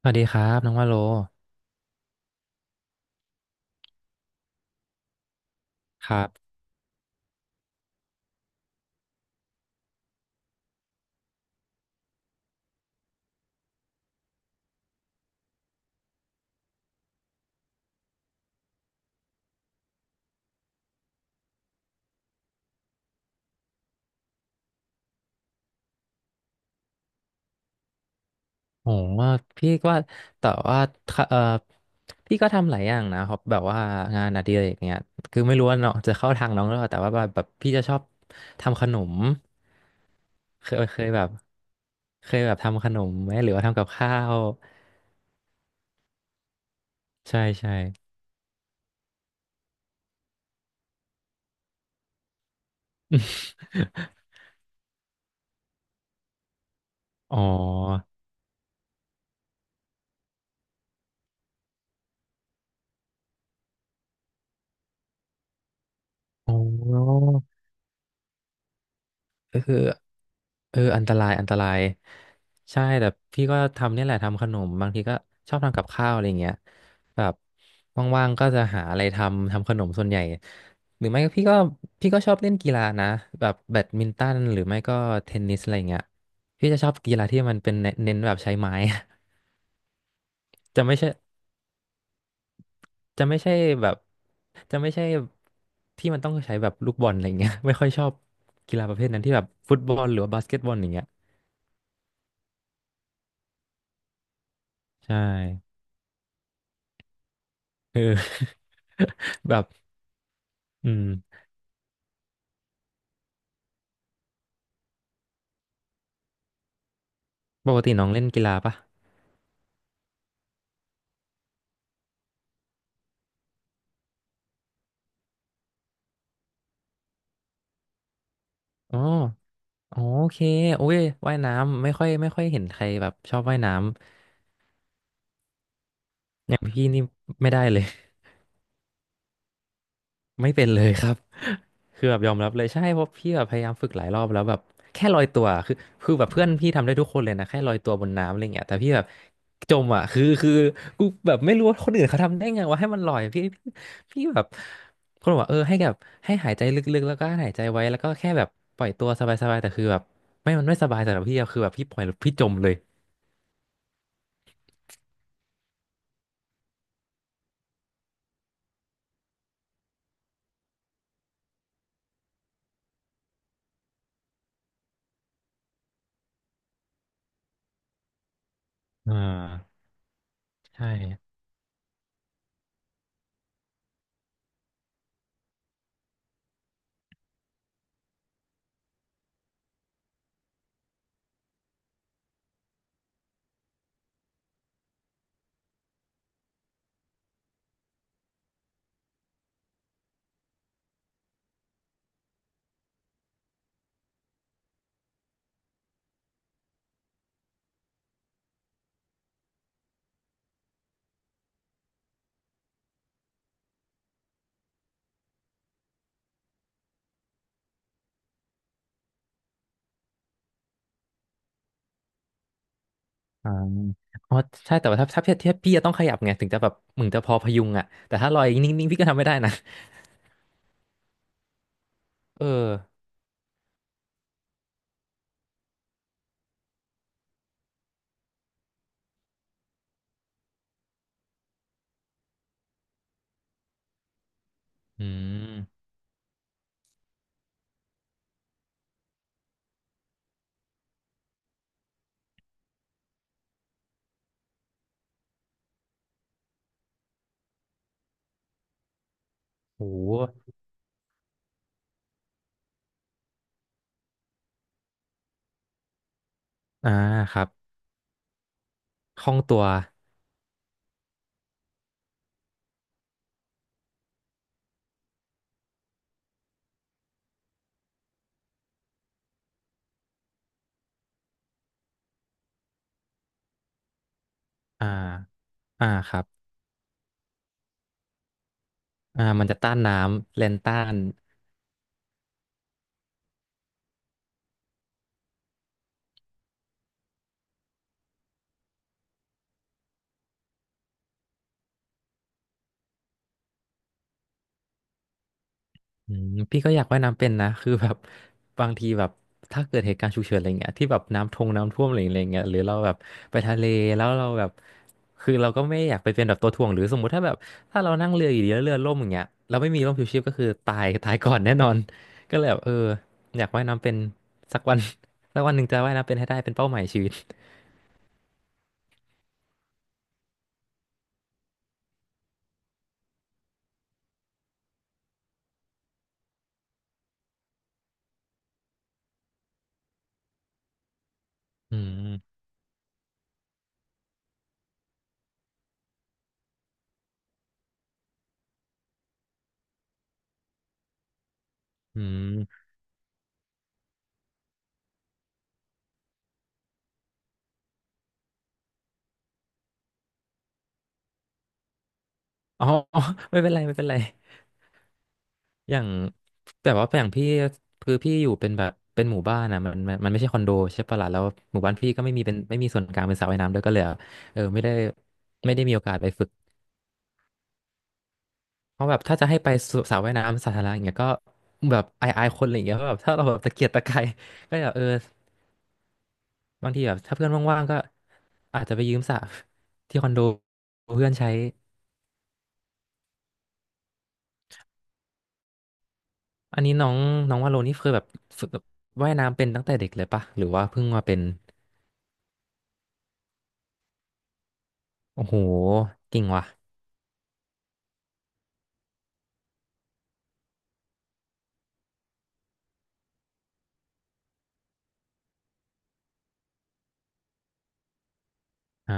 สวัสดีครับน้องว่าโลครับโหพี่ว่าแต่ว่าเออพี่ก็ทำหลายอย่างนะครับแบบว่างานอดิเรกเนี่ยคือไม่รู้ว่าเนาะจะเข้าทางน้องหรือเปล่าแต่ว่าแบบพี่จะชอบทำขนมเคยเคยแบบเคยแบบทำขนมไหมหรือว่าทำกับข้าวใช่ใช่ อ๋ออ๋อ ก็คืออันตรายอันตรายใช่แต่พี่ก็ทำเนี่ยแหละทำขนมบางทีก็ชอบทำกับข้าวอะไรเงี้ยแบบว่างๆก็จะหาอะไรทำขนมส่วนใหญ่หรือไม่ก็พี่ก็ชอบเล่นกีฬานะแบบแบดมินตันหรือไม่ก็เทนนิสอะไรเงี้ยพี่จะชอบกีฬาที่มันเป็นเน้นเน้นแบบใช้ไม้ จะไม่ใช่จะไม่ใช่แบบจะไม่ใช่ที่มันต้องใช้แบบลูกบอลอะไรเงี้ยไม่ค่อยชอบกีฬาประเภทนั้นที่แบบฟุตบอลหรือว่าบาสเกตบอลอย่างเงี้ยใช่ เออ แบบอืมปกติน้องเล่นกีฬาปะอ๋ออ๋อโอเคโอ้ยว่ายน้ำไม่ค่อยเห็นใครแบบชอบว่ายน้ำอย่างพี่นี่ไม่ได้เลย ไม่เป็นเลยครับ คือแบบยอมรับเลยใช่เพราะพี่แบบพยายามฝึกหลายรอบแล้วแบบแค่ลอยตัวคือแบบเพื่อนพี่ทำได้ทุกคนเลยนะแค่ลอยตัวบนน้ำอะไรเงี้ยแต่พี่แบบจมอ่ะคือกูแบบไม่รู้ว่าคนอื่นเขาทำได้ไงว่าให้มันลอยพี่แบบคนบอกว่าเออให้แบบให้หายใจลึกๆแล้วก็หายใจไว้แล้วก็แค่แบบปล่อยตัวสบายๆแต่คือแบบไม่มันไม่สบายสำหรับพี่อะคือแบบพี่ปล่อยแล้วพี่จมเลยอ่าใช่อ่าอ๋อใช่แต่ว่าถ้าพี่จะต้องขยับไงถึงจะแบบมึงจะพอพยุงอ่ะแต่ถ้าลอยนิ่งๆพี่ก็ทำไม่ได้นะเออ อืมโหอ่าครับคล่องตัว อ่าอ่าครับอ่ามันจะต้านน้ำแรนส์ต้านพี่ก็อยากว่ายน้ำเป็นนะ คือแบบบางทีแบบถ้าเกิดเหตุการณ์ฉุกเฉินอะไรเงี้ยที่แบบน้ำทงน้ำท่วมอะไรอะไรเงี้ยหรือเราแบบไปทะเลแล้วเราแบบคือเราก็ไม่อยากไปเป็นแบบตัวถ่วง หรือสมมุติถ้าแบบถ้าเรานั่งเรืออยู่ดีแล้วเรือล่มอย่างเงี้ยเราไม่มีร่มชูชีพก็คือตายตายก่อนแน่นอนก็เลยแบบอยากว่ายน้ำเป็นสักวัน สักวันหนึ่งจะว่ายน้ำเป็นให้ได้เป็นเป้าหมายชีวิตอืม อืมอ๋อ อ๋อไม่เป็นไรไม่เป็นไรอย่างแต่ว่าอย่างพี่คือพี่อยู่เป็นแบบเป็นหมู่บ้านนะมันไม่ใช่คอนโดใช่ปะล่ะแล้วหมู่บ้านพี่ก็ไม่มีเป็นไม่มีส่วนกลางเป็นสระว่ายน้ำด้วยก็เลยอะเออไม่ได้ไม่ได้มีโอกาสไปฝึกเพราะแบบถ้าจะให้ไปสสระว่ายน้ำสาธารณะอย่างเงี้ยก็แบบอายอายคนอะไรอย่างเงี้ยเพราะแบบถ้าเราแบบตะเกียกตะกาย ก็แบบบางทีแบบถ้าเพื่อนว่างๆก็อาจจะไปยืมสระ ที่คอนโดเพื่อนใช้ อันนี้น้องน้องว่าโลนี่เคยแบบฝึกแบบว่ายน้ำเป็นตั้งแต่เด็กเลยปะหรือว่าเพิ่งมาเป็นโอ้โหเก่งว่ะอ่า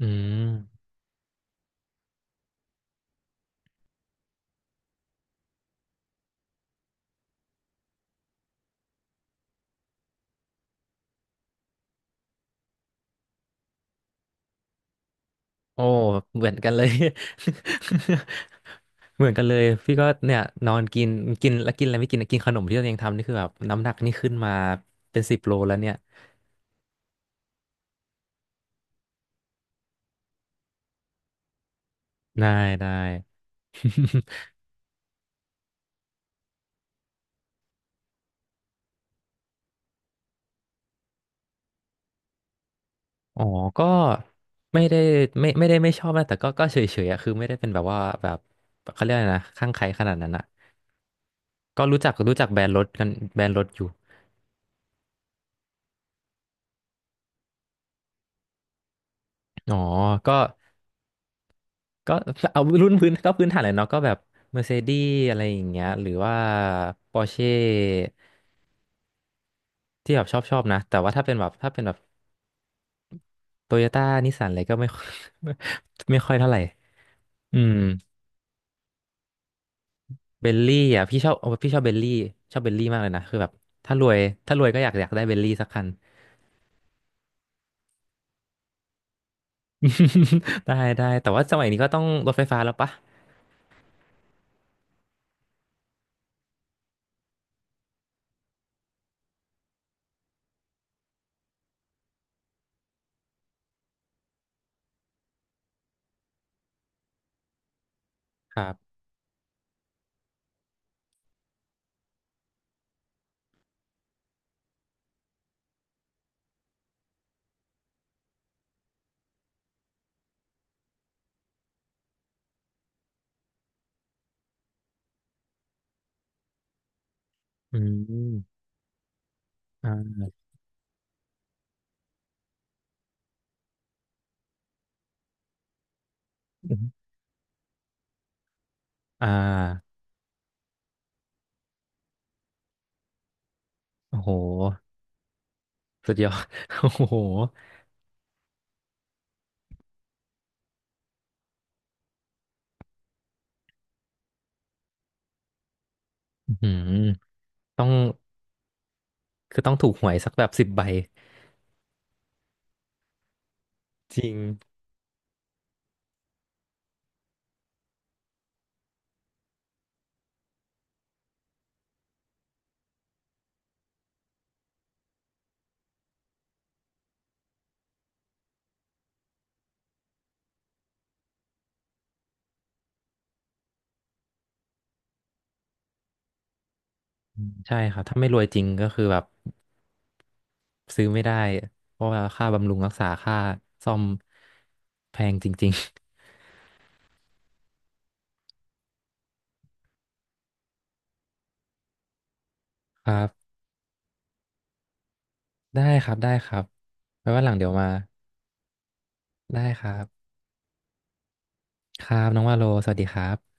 อืมโอ้เหมือนกันเลย เหมือนกันเลยพี่ก็เนี่ยนอนกินกินแล้วกินอะไรไม่กินกินขนมที่ตัวเองทำนี่คือแบบน้ำหนักนี่ขึ้นมาเป็น10 โลแล้วเนี่ยได้ได้ อ๋อก็ไม่ได้ไม่ไม่ได้ไม่ชอบนะแต่ก็เฉยเฉยอะคือไม่ได้เป็นแบบว่าแบบเขาเรียกอะไรนะข้างใครขนาดนั้นอะ ก็รู้จักแบรนด์รถกันแบรนด์รถอยู่อ๋อ ก็ก็เอารุ่นพื้นก็พื้นฐานเลยเนาะก็แบบ Mercedes อะไรอย่างเงี้ยหรือว่า Porsche ที่แบบชอบชอบนะแต่ว่าถ้าเป็นแบบ Toyota นิสสันอะไรก็ไม่ค่อย ไม่ค่อยเท่าไหร่อืมเบลลี่อ่ะพี่ชอบพี่ชอบเบลลี่ชอบเบลลี่มากเลยนะคือแบบถ้ารวยถ้ารวยก็อยากได้เบลลี่สักคัน ได้ได้แต่ว่าสมัยนี้ก็ต้องรถไฟฟ้าแล้วปะครับอืมอ่าอ่าโอ้โห สุดยอด โอ้โหอืมต้อง คือต้องถูกหวยสักแบบ10 ใบจริงอืมใช่ครับ ถ้าไม่รวยจริงก็คือแบบซื้อไม่ได้ เพราะว่าค่าบำรุงรักษาค่าซ่อมแพงจริงๆ ครับ ได้ครับได้ครับไว้วันหลังเดี๋ยวมา ได้ครับ ครับน้องว่าโล สวัสดีครับ